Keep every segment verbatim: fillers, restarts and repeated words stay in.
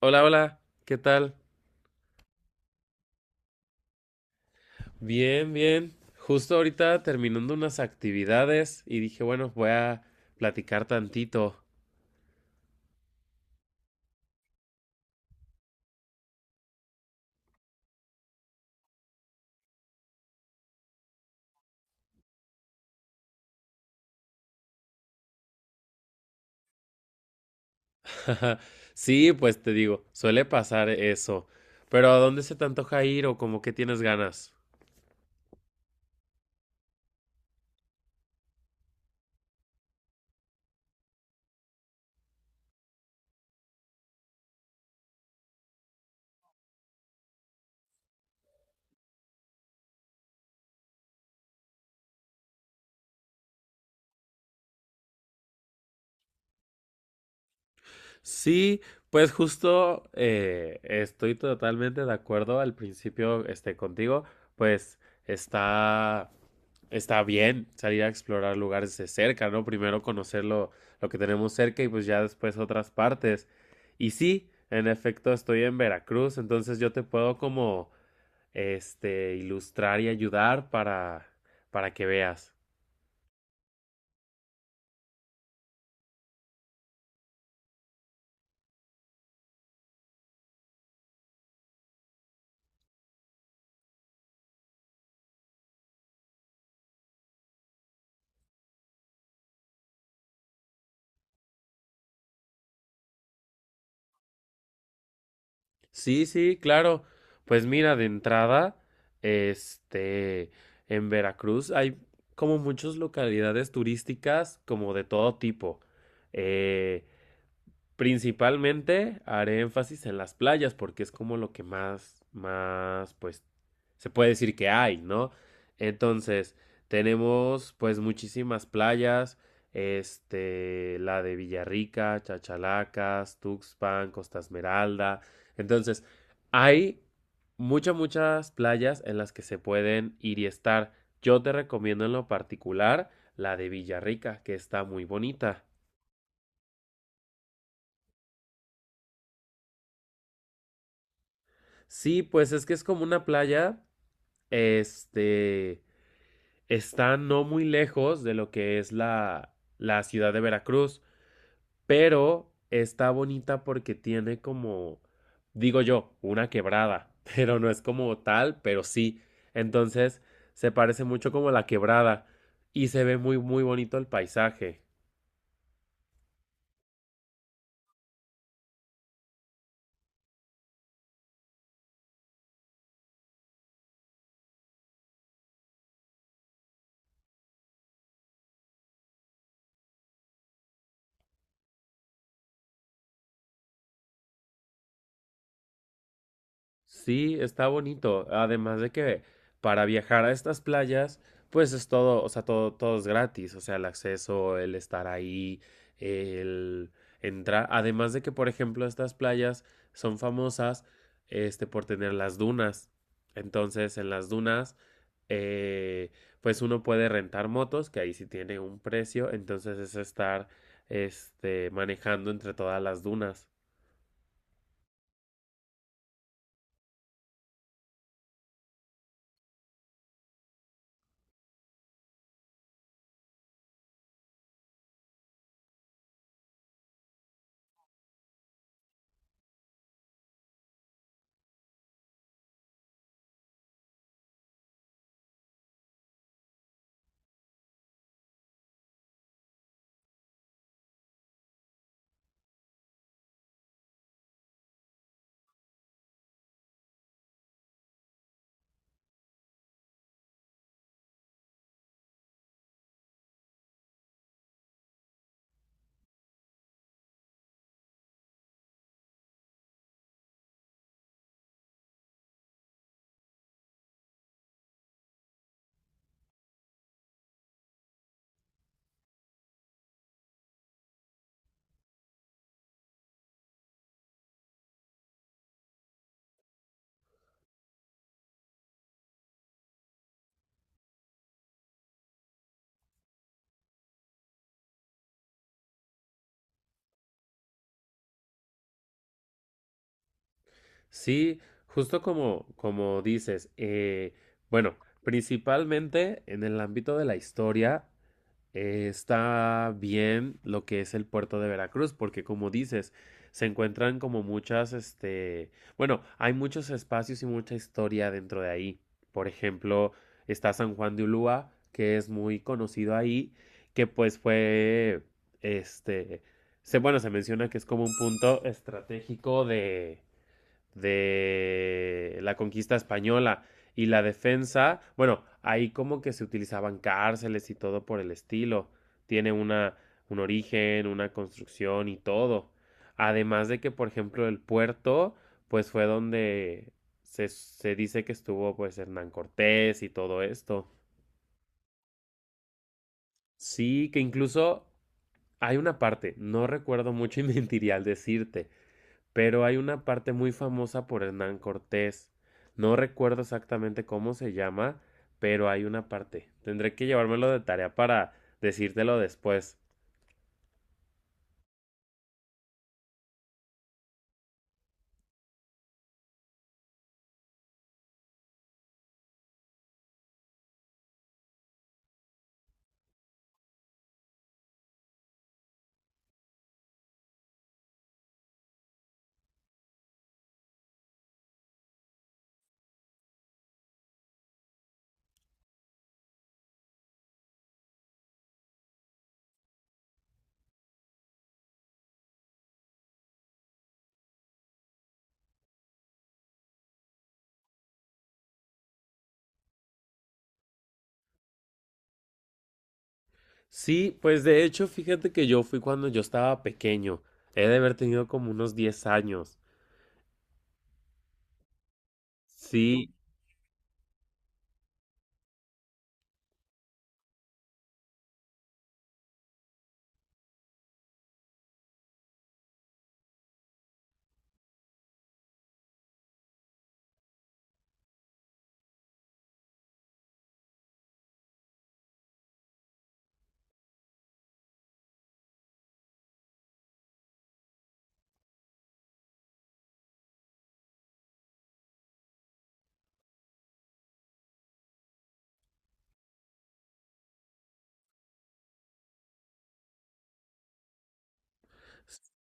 Hola, hola, ¿qué tal? Bien, bien. Justo ahorita terminando unas actividades y dije, bueno, voy a platicar tantito. Sí, pues te digo, suele pasar eso. Pero ¿a dónde se te antoja ir o como que tienes ganas? Sí, pues justo eh, estoy totalmente de acuerdo al principio este, contigo, pues está, está bien salir a explorar lugares de cerca, ¿no? Primero conocer lo, lo que tenemos cerca y pues ya después otras partes. Y sí, en efecto estoy en Veracruz, entonces yo te puedo como este, ilustrar y ayudar para, para que veas. Sí, sí, claro. Pues mira, de entrada, este, en Veracruz hay como muchas localidades turísticas como de todo tipo. Eh, Principalmente haré énfasis en las playas porque es como lo que más, más, pues, se puede decir que hay, ¿no? Entonces, tenemos pues muchísimas playas, este, la de Villarrica, Chachalacas, Tuxpan, Costa Esmeralda. Entonces, hay muchas, muchas playas en las que se pueden ir y estar. Yo te recomiendo en lo particular la de Villarrica, que está muy bonita. Sí, pues es que es como una playa, este, está no muy lejos de lo que es la, la ciudad de Veracruz, pero está bonita porque tiene como, digo yo, una quebrada, pero no es como tal, pero sí. Entonces, se parece mucho como a la quebrada y se ve muy, muy bonito el paisaje. Sí, está bonito. Además de que para viajar a estas playas, pues es todo, o sea, todo, todo es gratis. O sea, el acceso, el estar ahí, el entrar. Además de que, por ejemplo, estas playas son famosas, este, por tener las dunas. Entonces, en las dunas, eh, pues uno puede rentar motos, que ahí sí tiene un precio. Entonces es estar, este, manejando entre todas las dunas. Sí, justo como, como dices, eh, bueno, principalmente en el ámbito de la historia eh, está bien lo que es el puerto de Veracruz, porque como dices, se encuentran como muchas, este, bueno, hay muchos espacios y mucha historia dentro de ahí. Por ejemplo, está San Juan de Ulúa, que es muy conocido ahí, que pues fue, este, se, bueno, se menciona que es como un punto estratégico de de la conquista española y la defensa, bueno, ahí como que se utilizaban cárceles y todo por el estilo. Tiene una, un origen, una construcción y todo. Además de que, por ejemplo, el puerto, pues fue donde se, se dice que estuvo pues Hernán Cortés y todo esto. Sí, que incluso hay una parte, no recuerdo mucho y mentiría al decirte, pero hay una parte muy famosa por Hernán Cortés. No recuerdo exactamente cómo se llama, pero hay una parte. Tendré que llevármelo de tarea para decírtelo después. Sí, pues de hecho, fíjate que yo fui cuando yo estaba pequeño. He de haber tenido como unos diez años. Sí,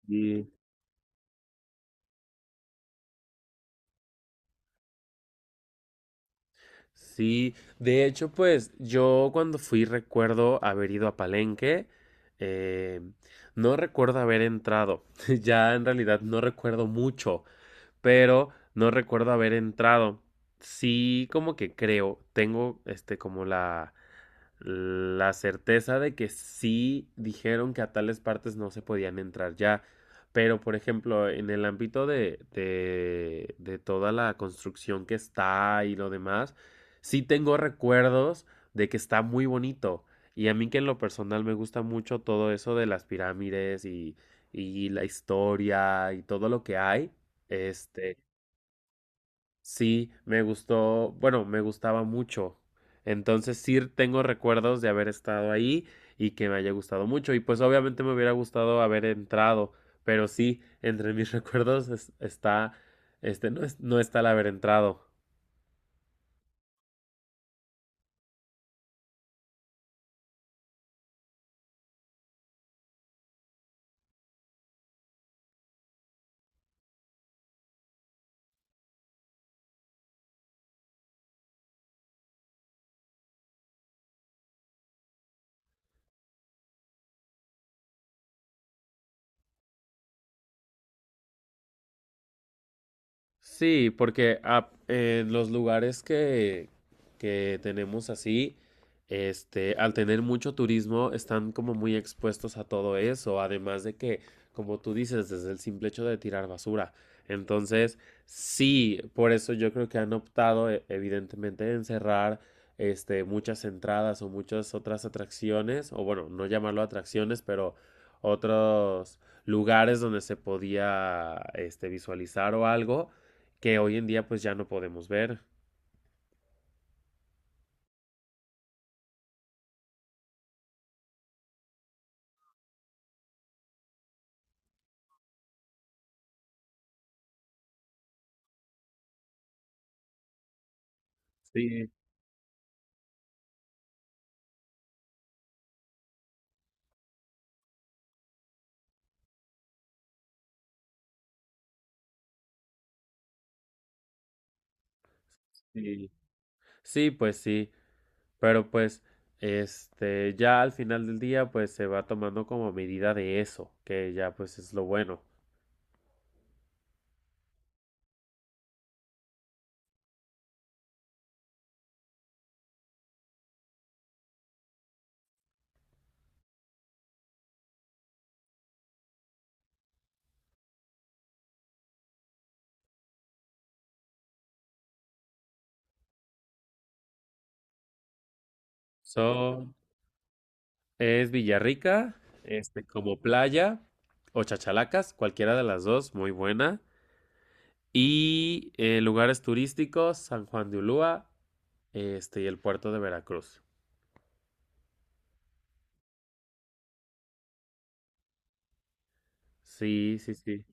sí, sí. De hecho, pues yo cuando fui recuerdo haber ido a Palenque. eh, no recuerdo haber entrado. Ya en realidad no recuerdo mucho, pero no recuerdo haber entrado. Sí, como que creo, tengo este como la la certeza de que sí dijeron que a tales partes no se podían entrar ya. Pero, por ejemplo, en el ámbito de, de, de toda la construcción que está y lo demás, sí tengo recuerdos de que está muy bonito. Y a mí que en lo personal me gusta mucho todo eso de las pirámides y, y la historia y todo lo que hay. Este, sí, me gustó, bueno, me gustaba mucho. Entonces sí tengo recuerdos de haber estado ahí y que me haya gustado mucho. Y pues obviamente me hubiera gustado haber entrado, pero sí, entre mis recuerdos es- está, este, no, es- no está el haber entrado. Sí, porque ah, eh, los lugares que, que tenemos así, este, al tener mucho turismo, están como muy expuestos a todo eso, además de que, como tú dices, desde el simple hecho de tirar basura. Entonces, sí, por eso yo creo que han optado, e- evidentemente, en cerrar, este, muchas entradas o muchas otras atracciones, o bueno, no llamarlo atracciones, pero otros lugares donde se podía, este, visualizar o algo que hoy en día pues ya no podemos ver. Sí, sí. Sí, pues sí, pero pues este ya al final del día pues se va tomando como medida de eso, que ya pues es lo bueno. So, es Villarrica, este como playa o Chachalacas, cualquiera de las dos, muy buena. Y eh, lugares turísticos, San Juan de Ulúa, este y el puerto de Veracruz. Sí, sí, sí.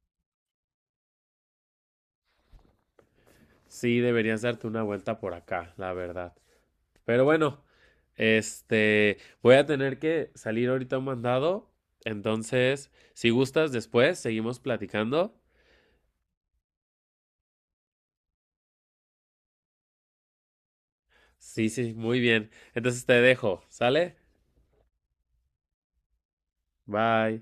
Sí, deberías darte una vuelta por acá, la verdad. Pero bueno, este, voy a tener que salir ahorita a un mandado. Entonces, si gustas, después seguimos platicando. Sí, sí, muy bien. Entonces te dejo, ¿sale? Bye.